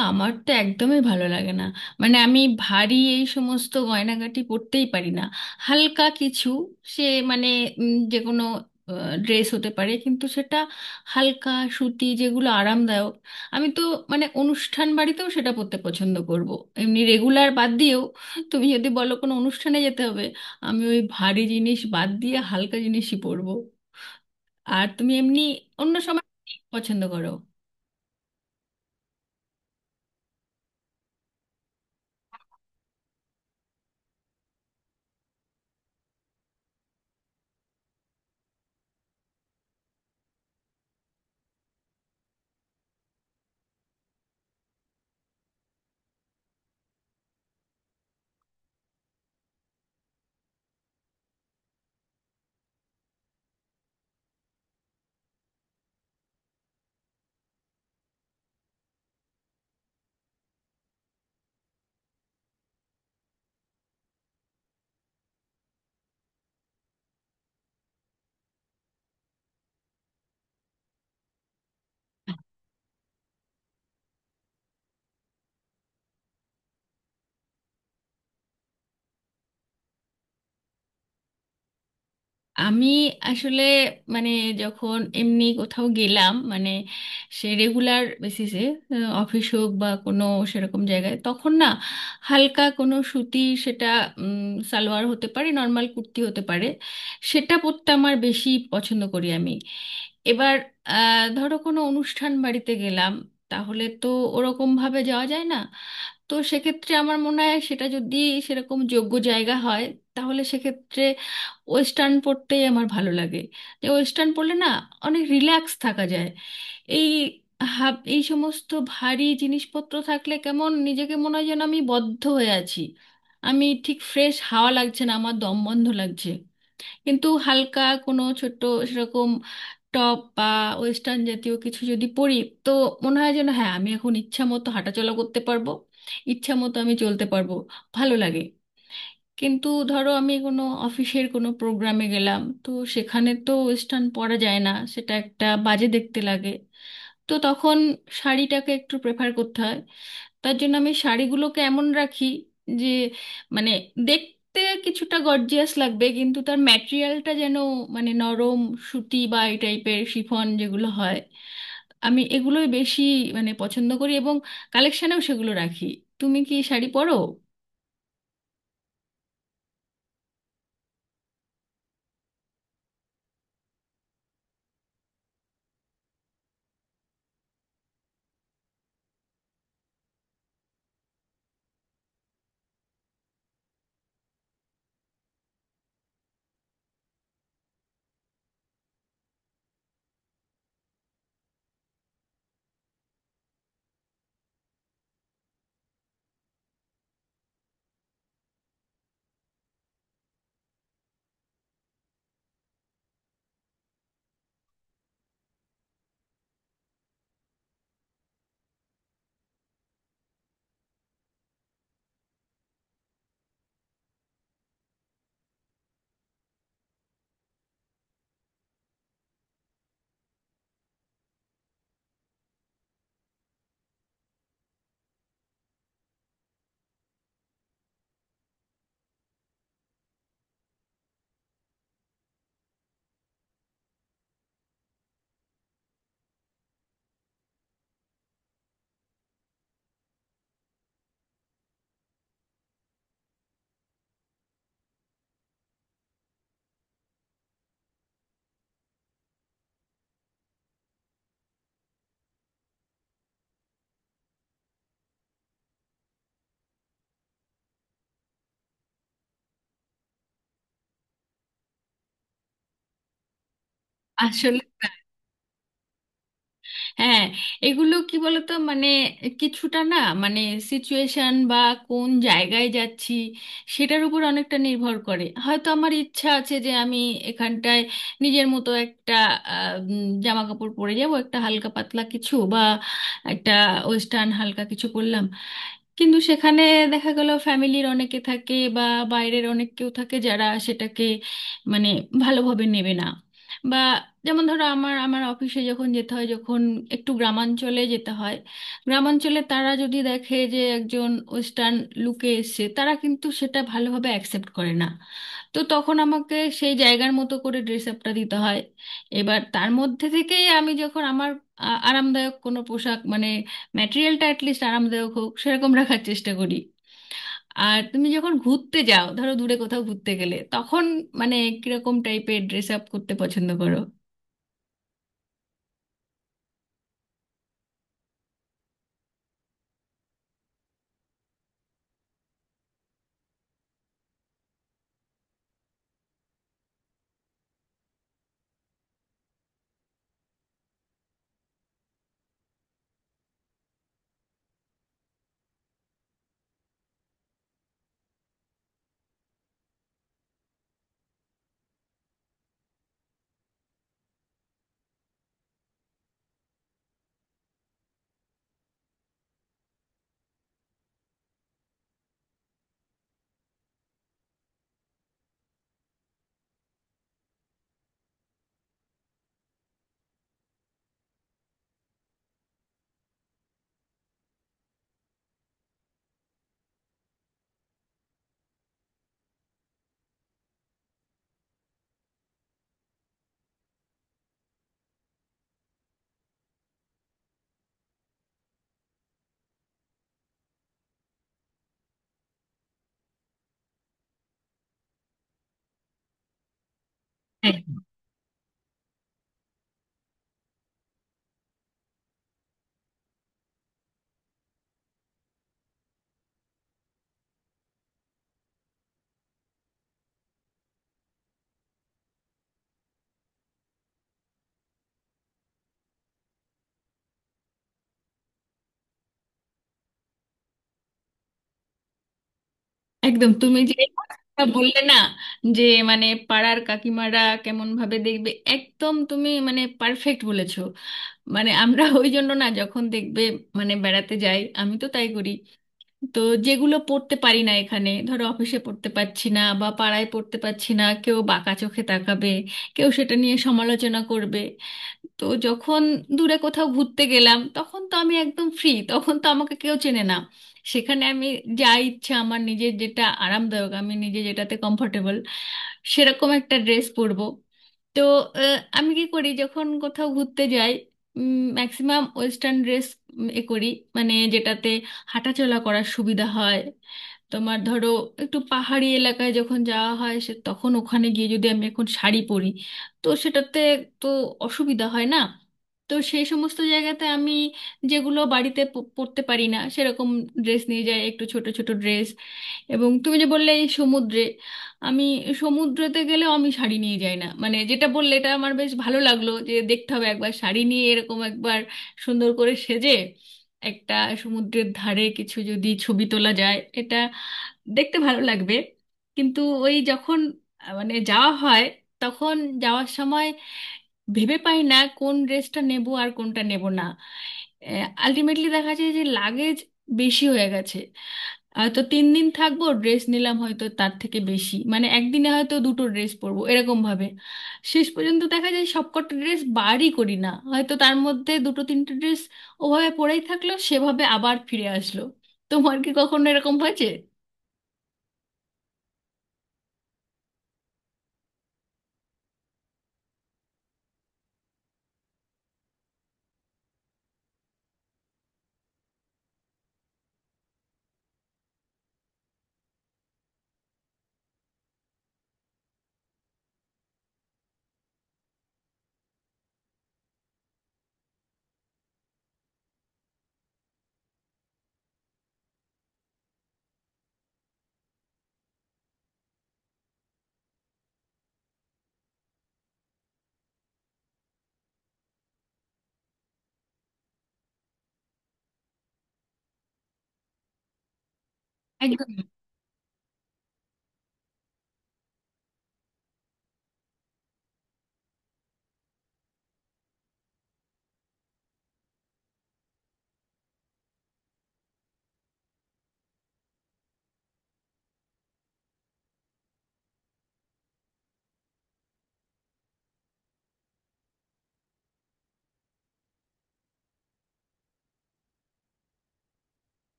আমার তো একদমই ভালো লাগে না। মানে আমি ভারী এই সমস্ত গয়নাগাটি পরতেই পারি না, হালকা কিছু। সে মানে যে কোনো ড্রেস হতে পারে, কিন্তু সেটা হালকা সুতি, যেগুলো আরামদায়ক। আমি তো মানে অনুষ্ঠান বাড়িতেও সেটা পরতে পছন্দ করব, এমনি রেগুলার বাদ দিয়েও। তুমি যদি বলো কোনো অনুষ্ঠানে যেতে হবে, আমি ওই ভারী জিনিস বাদ দিয়ে হালকা জিনিসই পরবো। আর তুমি এমনি অন্য সময় কি পছন্দ করো? আমি আসলে মানে যখন এমনি কোথাও গেলাম, মানে সে রেগুলার বেসিসে অফিস হোক বা কোনো সেরকম জায়গায়, তখন না হালকা কোনো সুতি, সেটা সালোয়ার হতে পারে, নর্মাল কুর্তি হতে পারে। সেটা পরতে আমার বেশি পছন্দ করি আমি। এবার ধরো কোনো অনুষ্ঠান বাড়িতে গেলাম, তাহলে তো ওরকম ভাবে যাওয়া যায় না। তো সেক্ষেত্রে আমার মনে হয় সেটা যদি সেরকম যোগ্য জায়গা হয়, তাহলে সেক্ষেত্রে ওয়েস্টার্ন পরতেই আমার ভালো লাগে। যে ওয়েস্টার্ন পরলে না, অনেক রিল্যাক্স থাকা যায়। এই হাব এই সমস্ত ভারী জিনিসপত্র থাকলে কেমন নিজেকে মনে হয় যেন আমি বদ্ধ হয়ে আছি। আমি ঠিক ফ্রেশ হাওয়া লাগছে না, আমার দম বন্ধ লাগছে। কিন্তু হালকা কোনো ছোট্ট সেরকম টপ বা ওয়েস্টার্ন জাতীয় কিছু যদি পরি, তো মনে হয় যেন হ্যাঁ আমি এখন ইচ্ছা মতো হাঁটাচলা করতে পারবো, ইচ্ছা মতো আমি চলতে পারবো, ভালো লাগে। কিন্তু ধরো আমি কোনো অফিসের কোনো প্রোগ্রামে গেলাম, তো সেখানে তো ওয়েস্টার্ন পরা যায় না, সেটা একটা বাজে দেখতে লাগে। তো তখন শাড়িটাকে একটু প্রেফার করতে হয়। তার জন্য আমি শাড়িগুলোকে এমন রাখি যে মানে দেখতে কিছুটা গর্জিয়াস লাগবে, কিন্তু তার ম্যাটেরিয়ালটা যেন মানে নরম সুতি বা এই টাইপের শিফন যেগুলো হয়, আমি এগুলোই বেশি মানে পছন্দ করি এবং কালেকশনেও সেগুলো রাখি। তুমি কি শাড়ি পরো? আসলে, হ্যাঁ, এগুলো কি বলতো মানে কিছুটা না মানে সিচুয়েশন বা কোন জায়গায় যাচ্ছি সেটার উপর অনেকটা নির্ভর করে। হয়তো আমার ইচ্ছা আছে যে আমি এখানটায় নিজের মতো একটা জামা কাপড় পরে যাব, একটা হালকা পাতলা কিছু বা একটা ওয়েস্টার্ন হালকা কিছু পরলাম, কিন্তু সেখানে দেখা গেল ফ্যামিলির অনেকে থাকে বা বাইরের অনেক কেউ থাকে যারা সেটাকে মানে ভালোভাবে নেবে না। বা যেমন ধরো আমার আমার অফিসে যখন যেতে হয়, যখন একটু গ্রামাঞ্চলে যেতে হয়, গ্রামাঞ্চলে তারা যদি দেখে যে একজন ওয়েস্টার্ন লুকে এসছে, তারা কিন্তু সেটা ভালোভাবে অ্যাকসেপ্ট করে না। তো তখন আমাকে সেই জায়গার মতো করে ড্রেস আপটা দিতে হয়। এবার তার মধ্যে থেকেই আমি যখন আমার আরামদায়ক কোনো পোশাক মানে ম্যাটেরিয়ালটা অ্যাটলিস্ট আরামদায়ক হোক সেরকম রাখার চেষ্টা করি। আর তুমি যখন ঘুরতে যাও, ধরো দূরে কোথাও ঘুরতে গেলে, তখন মানে কিরকম টাইপের ড্রেস আপ করতে পছন্দ করো? হ্যাঁ, একদম তুমি যে কথা বললে না, যে মানে পাড়ার কাকিমারা কেমন ভাবে দেখবে, একদম তুমি মানে পারফেক্ট বলেছো। মানে আমরা ওই জন্য না, যখন দেখবে মানে বেড়াতে যাই, আমি তো তাই করি। তো যেগুলো পড়তে পারি না এখানে, ধরো অফিসে পড়তে পারছি না বা পাড়ায় পড়তে পারছি না, কেউ বাঁকা চোখে তাকাবে, কেউ সেটা নিয়ে সমালোচনা করবে। তো যখন দূরে কোথাও ঘুরতে গেলাম তখন তো আমি একদম ফ্রি, তখন তো আমাকে কেউ চেনে না। সেখানে আমি যা ইচ্ছা, আমার নিজের যেটা আরামদায়ক, আমি নিজে যেটাতে কমফোর্টেবল সেরকম একটা ড্রেস পরবো। তো আমি কি করি যখন কোথাও ঘুরতে যাই, ম্যাক্সিমাম ওয়েস্টার্ন ড্রেস এ করি, মানে যেটাতে হাঁটাচলা করার সুবিধা হয়। তোমার ধরো একটু পাহাড়ি এলাকায় যখন যাওয়া হয়, সে তখন ওখানে গিয়ে যদি আমি এখন শাড়ি পরি, তো সেটাতে তো অসুবিধা হয় না। তো সেই সমস্ত জায়গাতে আমি যেগুলো বাড়িতে পরতে পারি না সেরকম ড্রেস নিয়ে যাই, একটু ছোট ছোট ড্রেস। এবং তুমি যে বললে এই সমুদ্রে, আমি সমুদ্রেতে গেলেও আমি শাড়ি নিয়ে যাই না। মানে যেটা বললে, এটা আমার বেশ ভালো লাগলো, যে দেখতে হবে একবার শাড়ি নিয়ে এরকম একবার সুন্দর করে সেজে একটা সমুদ্রের ধারে কিছু যদি ছবি তোলা যায়, এটা দেখতে ভালো লাগবে। কিন্তু ওই যখন মানে যাওয়া হয়, তখন যাওয়ার সময় ভেবে পাই না কোন ড্রেসটা নেব আর কোনটা নেব না। আলটিমেটলি দেখা যায় যে লাগেজ বেশি হয়ে গেছে। তো তিন দিন থাকবো ড্রেস নিলাম হয়তো তার থেকে বেশি, মানে একদিনে হয়তো দুটো ড্রেস পরবো এরকম ভাবে। শেষ পর্যন্ত দেখা যায় সবকটা ড্রেস বারই করি না, হয়তো তার মধ্যে দুটো তিনটে ড্রেস ওভাবে পরেই থাকলো, সেভাবে আবার ফিরে আসলো। তোমার কি কখনো এরকম হয়েছে? একদম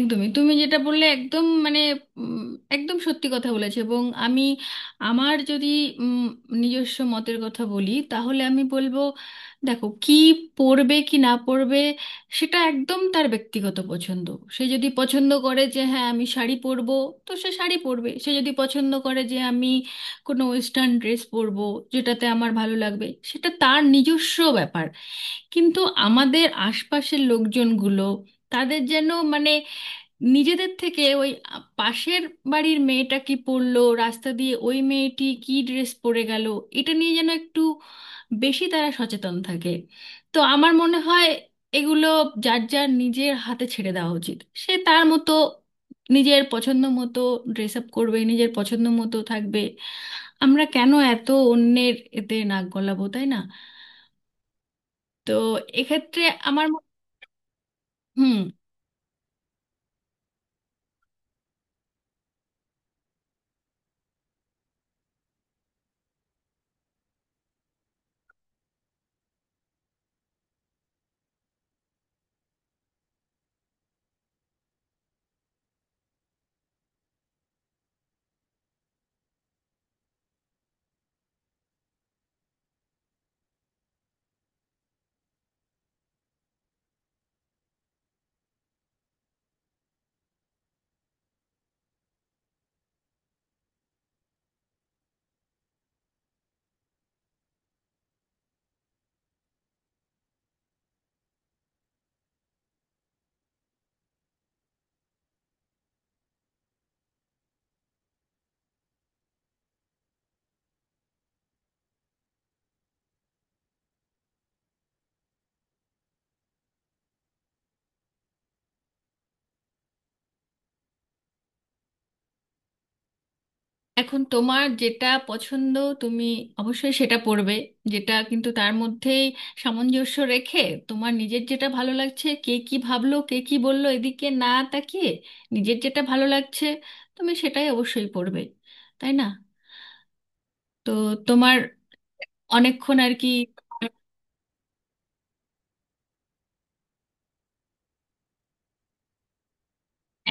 একদমই তুমি যেটা বললে, একদম মানে উম, একদম সত্যি কথা বলেছে। এবং আমি, আমার যদি উম, নিজস্ব মতের কথা বলি তাহলে আমি বলবো, দেখো কি পড়বে কি না পড়বে সেটা একদম তার ব্যক্তিগত পছন্দ। সে যদি পছন্দ করে যে হ্যাঁ আমি শাড়ি পরবো, তো সে শাড়ি পরবে। সে যদি পছন্দ করে যে আমি কোনো ওয়েস্টার্ন ড্রেস পরবো, যেটাতে আমার ভালো লাগবে, সেটা তার নিজস্ব ব্যাপার। কিন্তু আমাদের আশপাশের লোকজনগুলো, তাদের যেন মানে নিজেদের থেকে ওই পাশের বাড়ির মেয়েটা কি পরলো, রাস্তা দিয়ে ওই মেয়েটি কি ড্রেস পরে গেল, এটা নিয়ে যেন একটু বেশি তারা সচেতন থাকে। তো আমার মনে হয় এগুলো যার যার নিজের হাতে ছেড়ে দেওয়া উচিত। সে তার মতো, নিজের পছন্দ মতো ড্রেস আপ করবে, নিজের পছন্দ মতো থাকবে। আমরা কেন এত অন্যের এতে নাক গলাবো, তাই না? তো এক্ষেত্রে আমার হুম। এখন তোমার যেটা পছন্দ তুমি অবশ্যই সেটা পড়বে, যেটা কিন্তু তার মধ্যেই সামঞ্জস্য রেখে তোমার নিজের যেটা ভালো লাগছে, কে কি ভাবলো কে কি বললো এদিকে না তাকিয়ে নিজের যেটা ভালো লাগছে তুমি সেটাই অবশ্যই পড়বে, তাই না? তো তোমার অনেকক্ষণ আর কি।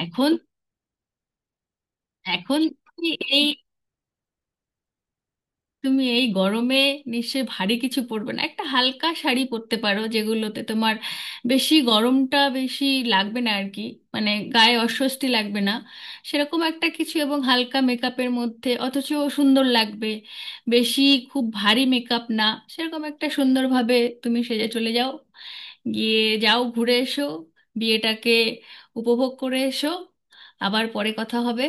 এখন এখন তুমি এই, তুমি এই গরমে নিশ্চয়ই ভারী কিছু পরবে না, একটা হালকা শাড়ি পরতে পারো যেগুলোতে তোমার বেশি গরমটা বেশি লাগবে না আর কি, মানে গায়ে অস্বস্তি লাগবে না। সেরকম একটা কিছু এবং হালকা মেকআপের মধ্যে, অথচ সুন্দর লাগবে, বেশি খুব ভারী মেকআপ না, সেরকম একটা সুন্দরভাবে তুমি সেজে চলে যাও। গিয়ে যাও, ঘুরে এসো, বিয়েটাকে উপভোগ করে এসো। আবার পরে কথা হবে।